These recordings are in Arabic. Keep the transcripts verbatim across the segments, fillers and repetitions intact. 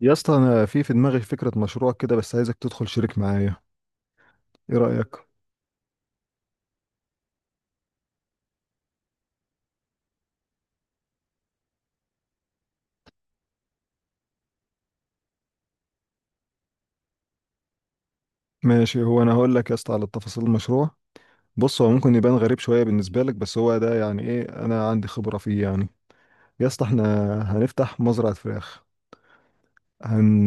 يا اسطى انا في في دماغي فكره مشروع كده، بس عايزك تدخل شريك معايا. ايه رايك؟ ماشي. هو انا هقول لك يا اسطى على تفاصيل المشروع. بص، هو ممكن يبان غريب شويه بالنسبه لك، بس هو ده يعني ايه، انا عندي خبره فيه يعني. يا اسطى احنا هنفتح مزرعه فراخ. هن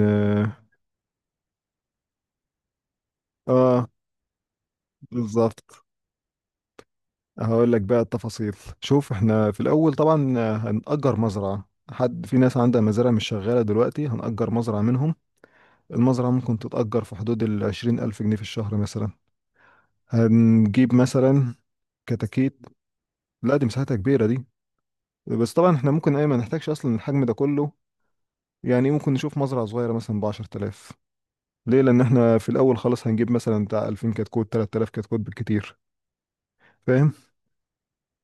اه، بالظبط. هقول لك بقى التفاصيل. شوف، احنا في الاول طبعا هنأجر مزرعه. حد في ناس عندها مزارع مش شغاله دلوقتي، هنأجر مزرعه منهم. المزرعه ممكن تتأجر في حدود ال عشرين الف جنيه في الشهر مثلا. هنجيب مثلا كتاكيت. لا، دي مساحتها كبيرة دي، بس طبعا احنا ممكن ايه، ما نحتاجش اصلا الحجم ده كله. يعني ممكن نشوف مزرعة صغيرة مثلا ب عشر تلاف. ليه؟ لان احنا في الاول خالص هنجيب مثلا بتاع 2000 كتكوت، 3000 كتكوت بالكتير. فاهم؟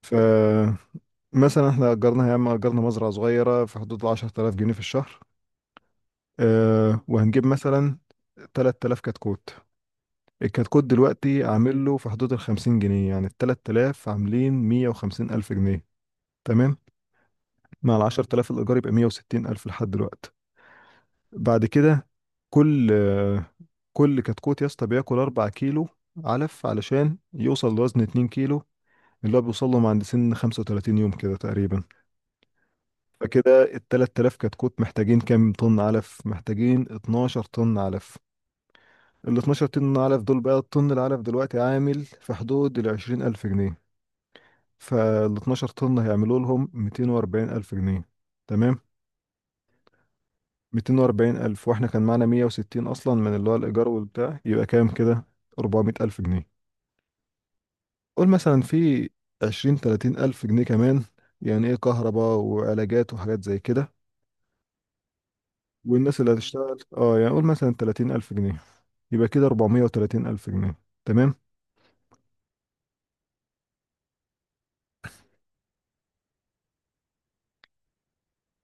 ف مثلا احنا اجرنا يا عم، اجرنا مزرعة صغيرة في حدود ال عشرة آلاف جنيه في الشهر. اه، وهنجيب مثلا تلات آلاف كتكوت. الكتكوت دلوقتي عامل له في حدود ال خمسين جنيه، يعني ال تلاتة آلاف عاملين مية وخمسين الف جنيه. تمام؟ مع ال عشرة آلاف الايجار يبقى مية وستين الف لحد دلوقتي. بعد كده، كل كل كتكوت يا اسطى بياكل 4 كيلو علف علشان يوصل لوزن اتنين كيلو كيلو، اللي هو بيوصل لهم عند سن 35 يوم كده تقريبا. فكده ال تلات آلاف كتكوت محتاجين كام طن علف؟ محتاجين اتناشر طن علف. ال اتناشر طن علف دول بقى، الطن العلف دلوقتي عامل في حدود ال عشرين الف جنيه، فال اتناشر طن هيعملوا لهم مئتين واربعين الف جنيه. تمام؟ ميتين واربعين الف واحنا كان معانا مية وستين اصلا من اللي هو الايجار والبتاع، يبقى كام كده؟ اربعمئة الف جنيه. قول مثلا في عشرين، تلاتين الف جنيه كمان يعني ايه، كهرباء وعلاجات وحاجات زي كده. والناس اللي هتشتغل اه، يعني قول مثلا تلاتين الف جنيه. يبقى كده اربعمية وتلاتين الف جنيه. تمام.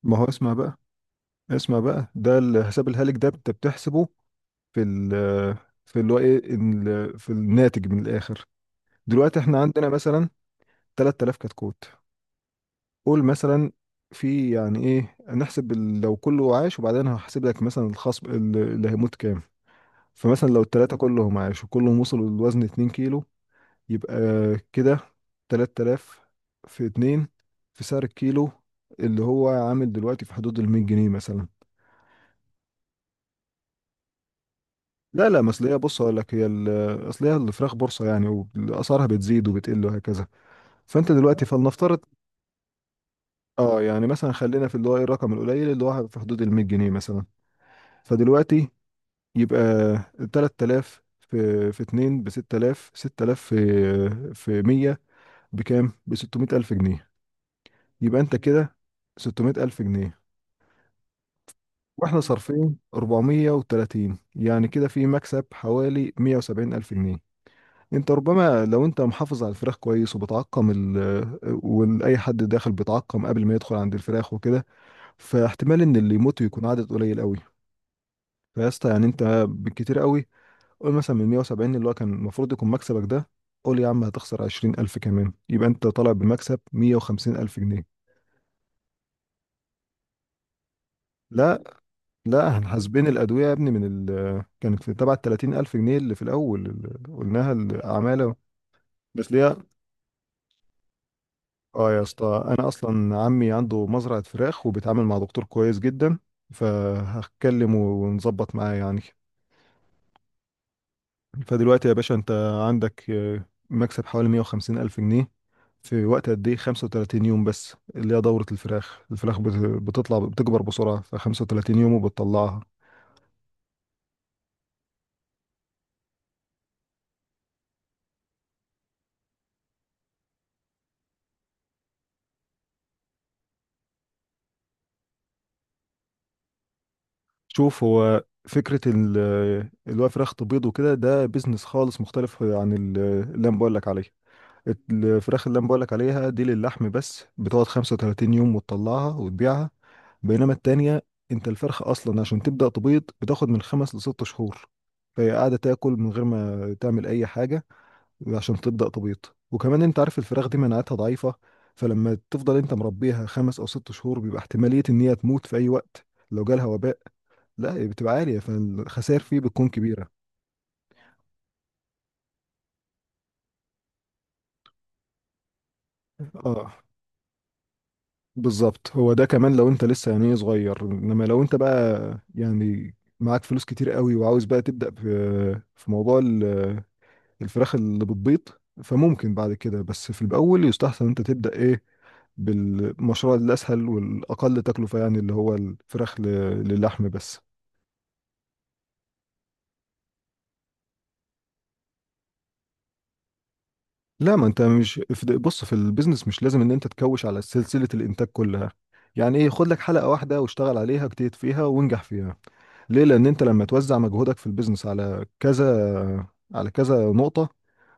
ما هو اسمع بقى، اسمع بقى، ده الحساب الهالك ده انت بتحسبه في ال في اللي هو ايه، ال- في الناتج من الاخر. دلوقتي احنا عندنا مثلا تلات آلاف كتكوت، قول مثلا في يعني ايه، نحسب ال- لو كله عاش، وبعدين هحسب لك مثلا الخصم ال- اللي هيموت كام. فمثلا لو التلاتة كلهم عاش وكلهم وصلوا للوزن اتنين كيلو كيلو، يبقى كده تلات آلاف في اتنين في سعر الكيلو اللي هو عامل دلوقتي في حدود ال مية جنيه مثلا. لا لا مثلية، بص هقول لك، هي ال- اصل هي الفراخ بورصة يعني، واسعارها بتزيد وبتقل وهكذا. فانت دلوقتي فلنفترض اه، يعني مثلا خلينا في اللي هو ايه، الرقم القليل اللي هو في حدود ال مية جنيه مثلا. فدلوقتي يبقى تلات آلاف في في اتنين ب ستة آلاف، ستة آلاف في في مية بكام؟ ب ستمئة الف جنيه. يبقى انت كده ستمئة الف جنيه، واحنا صارفين اربعمية وتلاتين، يعني كده في مكسب حوالي مية وسبعين الف جنيه. انت ربما لو انت محافظ على الفراخ كويس وبتعقم ال واي حد داخل بيتعقم قبل ما يدخل عند الفراخ وكده، فاحتمال ان اللي يموت يكون عدد قليل قوي. فيا اسطى، يعني انت بالكتير قوي، قول مثلا من مية وسبعين اللي هو كان المفروض يكون مكسبك ده، قول يا عم هتخسر عشرين الف كمان، يبقى أنت طالع بمكسب مية وخمسين الف جنيه. لا لا، احنا حاسبين الأدوية يا ابني من ال كانت في تبع ثلاثين الف جنيه اللي في الأول اللي قلناها العمالة. بس ليه؟ اه، يا اسطى أنا أصلا عمي عنده مزرعة فراخ وبيتعامل مع دكتور كويس جدا، فهتكلمه ونظبط معاه يعني. فدلوقتي يا باشا انت عندك آه، مكسب حوالي مئة وخمسين ألف جنيه في وقت قد ايه؟ خمسة وتلاتين يوم بس، اللي هي دورة الفراخ. الفراخ بت- بتطلع، بتكبر بسرعة، ف خمسة وتلاتين يوم وبتطلعها. شوف، هو فكرة ال- اللي هو فراخ تبيض وكده، ده بيزنس خالص مختلف عن ال- اللي انا بقول لك عليه. الفراخ اللي انا بقولك عليها دي للحم بس، بتقعد خمسة وتلاتين يوم وتطلعها وتبيعها. بينما التانية، انت الفرخة اصلا عشان تبدأ تبيض بتاخد من خمس لست شهور، فهي قاعدة تاكل من غير ما تعمل اي حاجة عشان تبدأ تبيض. وكمان انت عارف الفراخ دي مناعتها ضعيفة، فلما تفضل انت مربيها خمس او ست شهور بيبقى احتمالية ان هي تموت في اي وقت لو جالها وباء، لا، بتبقى عالية، فالخسائر فيه بتكون كبيرة. اه بالظبط. هو ده كمان لو انت لسه يعني إيه صغير، انما لو انت بقى يعني معاك فلوس كتير قوي وعاوز بقى تبدأ في في موضوع ال- الفراخ اللي بتبيض، فممكن بعد كده. بس في الاول يستحسن انت تبدأ ايه، بالمشروع الاسهل والاقل تكلفة يعني اللي هو الفراخ ل- للحم بس. لا، ما انت مش في د- بص، في البيزنس مش لازم ان انت تكوش على سلسلة الانتاج كلها. يعني ايه، خد لك حلقة واحدة واشتغل عليها، اجتهد فيها وانجح فيها. ليه؟ لان انت لما توزع مجهودك في البيزنس على كذا، على كذا نقطة،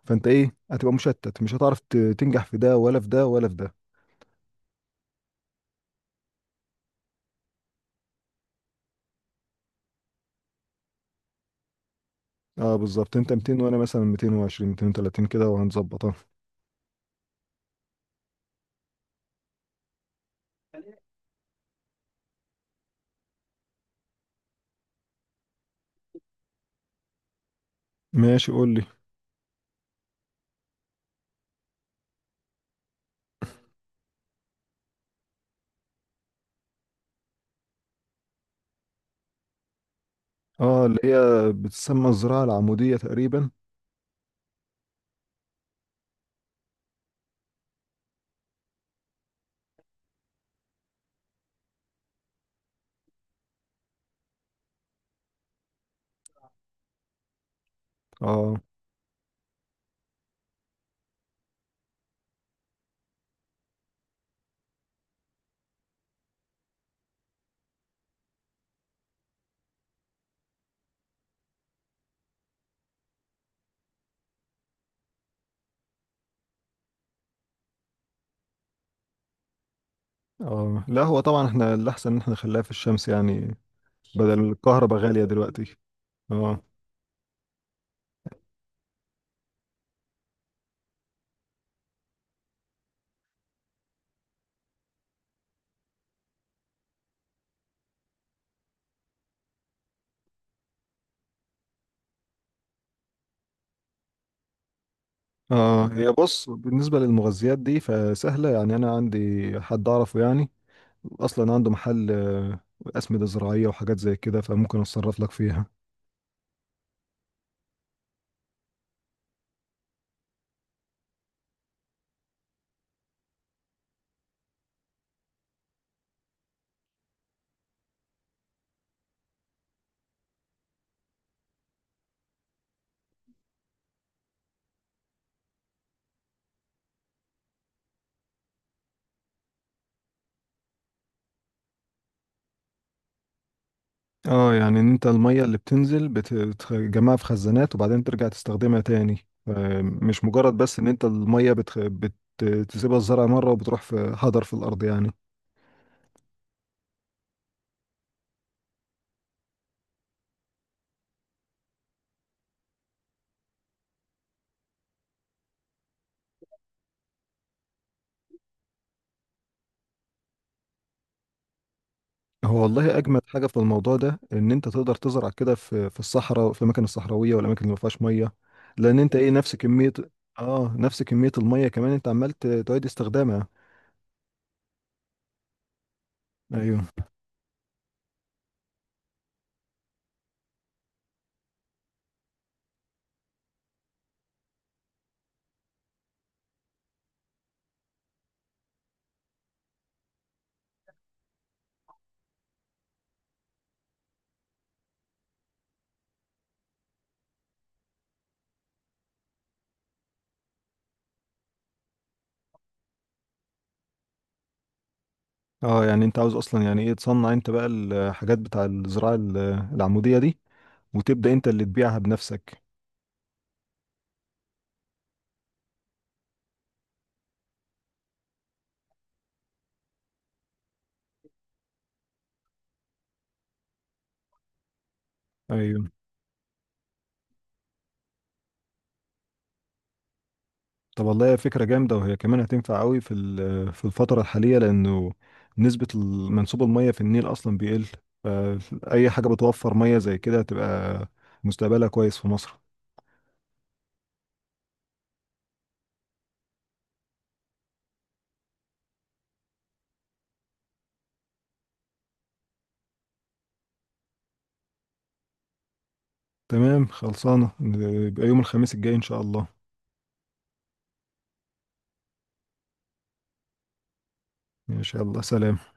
فانت ايه، هتبقى مشتت، مش هتعرف ت- تنجح في ده ولا في ده ولا في ده. اه بالظبط، انت مئتين وانا مثلا مئتين وعشرين، مئتين وتلاتين كده، وهنظبطها. ماشي قول لي. اه، اللي هي بتسمى الزراعة العمودية تقريبا. اه. اه، لا، هو طبعا احنا الاحسن ان احنا نخليها في الشمس يعني، بدل الكهرباء غالية دلوقتي. اه. اه، هي بص، بالنسبة للمغذيات دي فسهلة، يعني انا عندي حد اعرفه يعني، اصلا عنده محل آه، اسمده زراعيه وحاجات زي كده، فممكن اتصرف لك فيها. اه، يعني ان انت الميه اللي بتنزل بت- بتجمعها في خزانات وبعدين ترجع تستخدمها تاني، آه، مش مجرد بس ان انت الميه بتخ... بتسيبها الزرع مره وبتروح في هدر في الارض يعني. هو والله اجمد حاجه في الموضوع ده ان انت تقدر تزرع كده في في الصحراء، في الاماكن الصحراويه والاماكن اللي ما فيهاش ميه، لان انت ايه، نفس كميه. اه نفس كميه الميه، كمان انت عمال ت- تعيد استخدامها. ايوه. اه، يعني انت عاوز اصلا يعني ايه، تصنع انت بقى الحاجات بتاع الزراعة ال- العمودية دي، وتبدأ انت اللي تبيعها بنفسك. ايوه. طب والله هي فكرة جامدة، وهي كمان هتنفع قوي في ال- في الفترة الحالية، لانه نسبة ال- منسوب المية في النيل اصلا بيقل، فاي حاجة بتوفر مية زي كده هتبقى مستقبلها كويس في مصر. تمام، خلصانة، يبقى يوم الخميس الجاي ان شاء الله. ان شاء الله، سلام.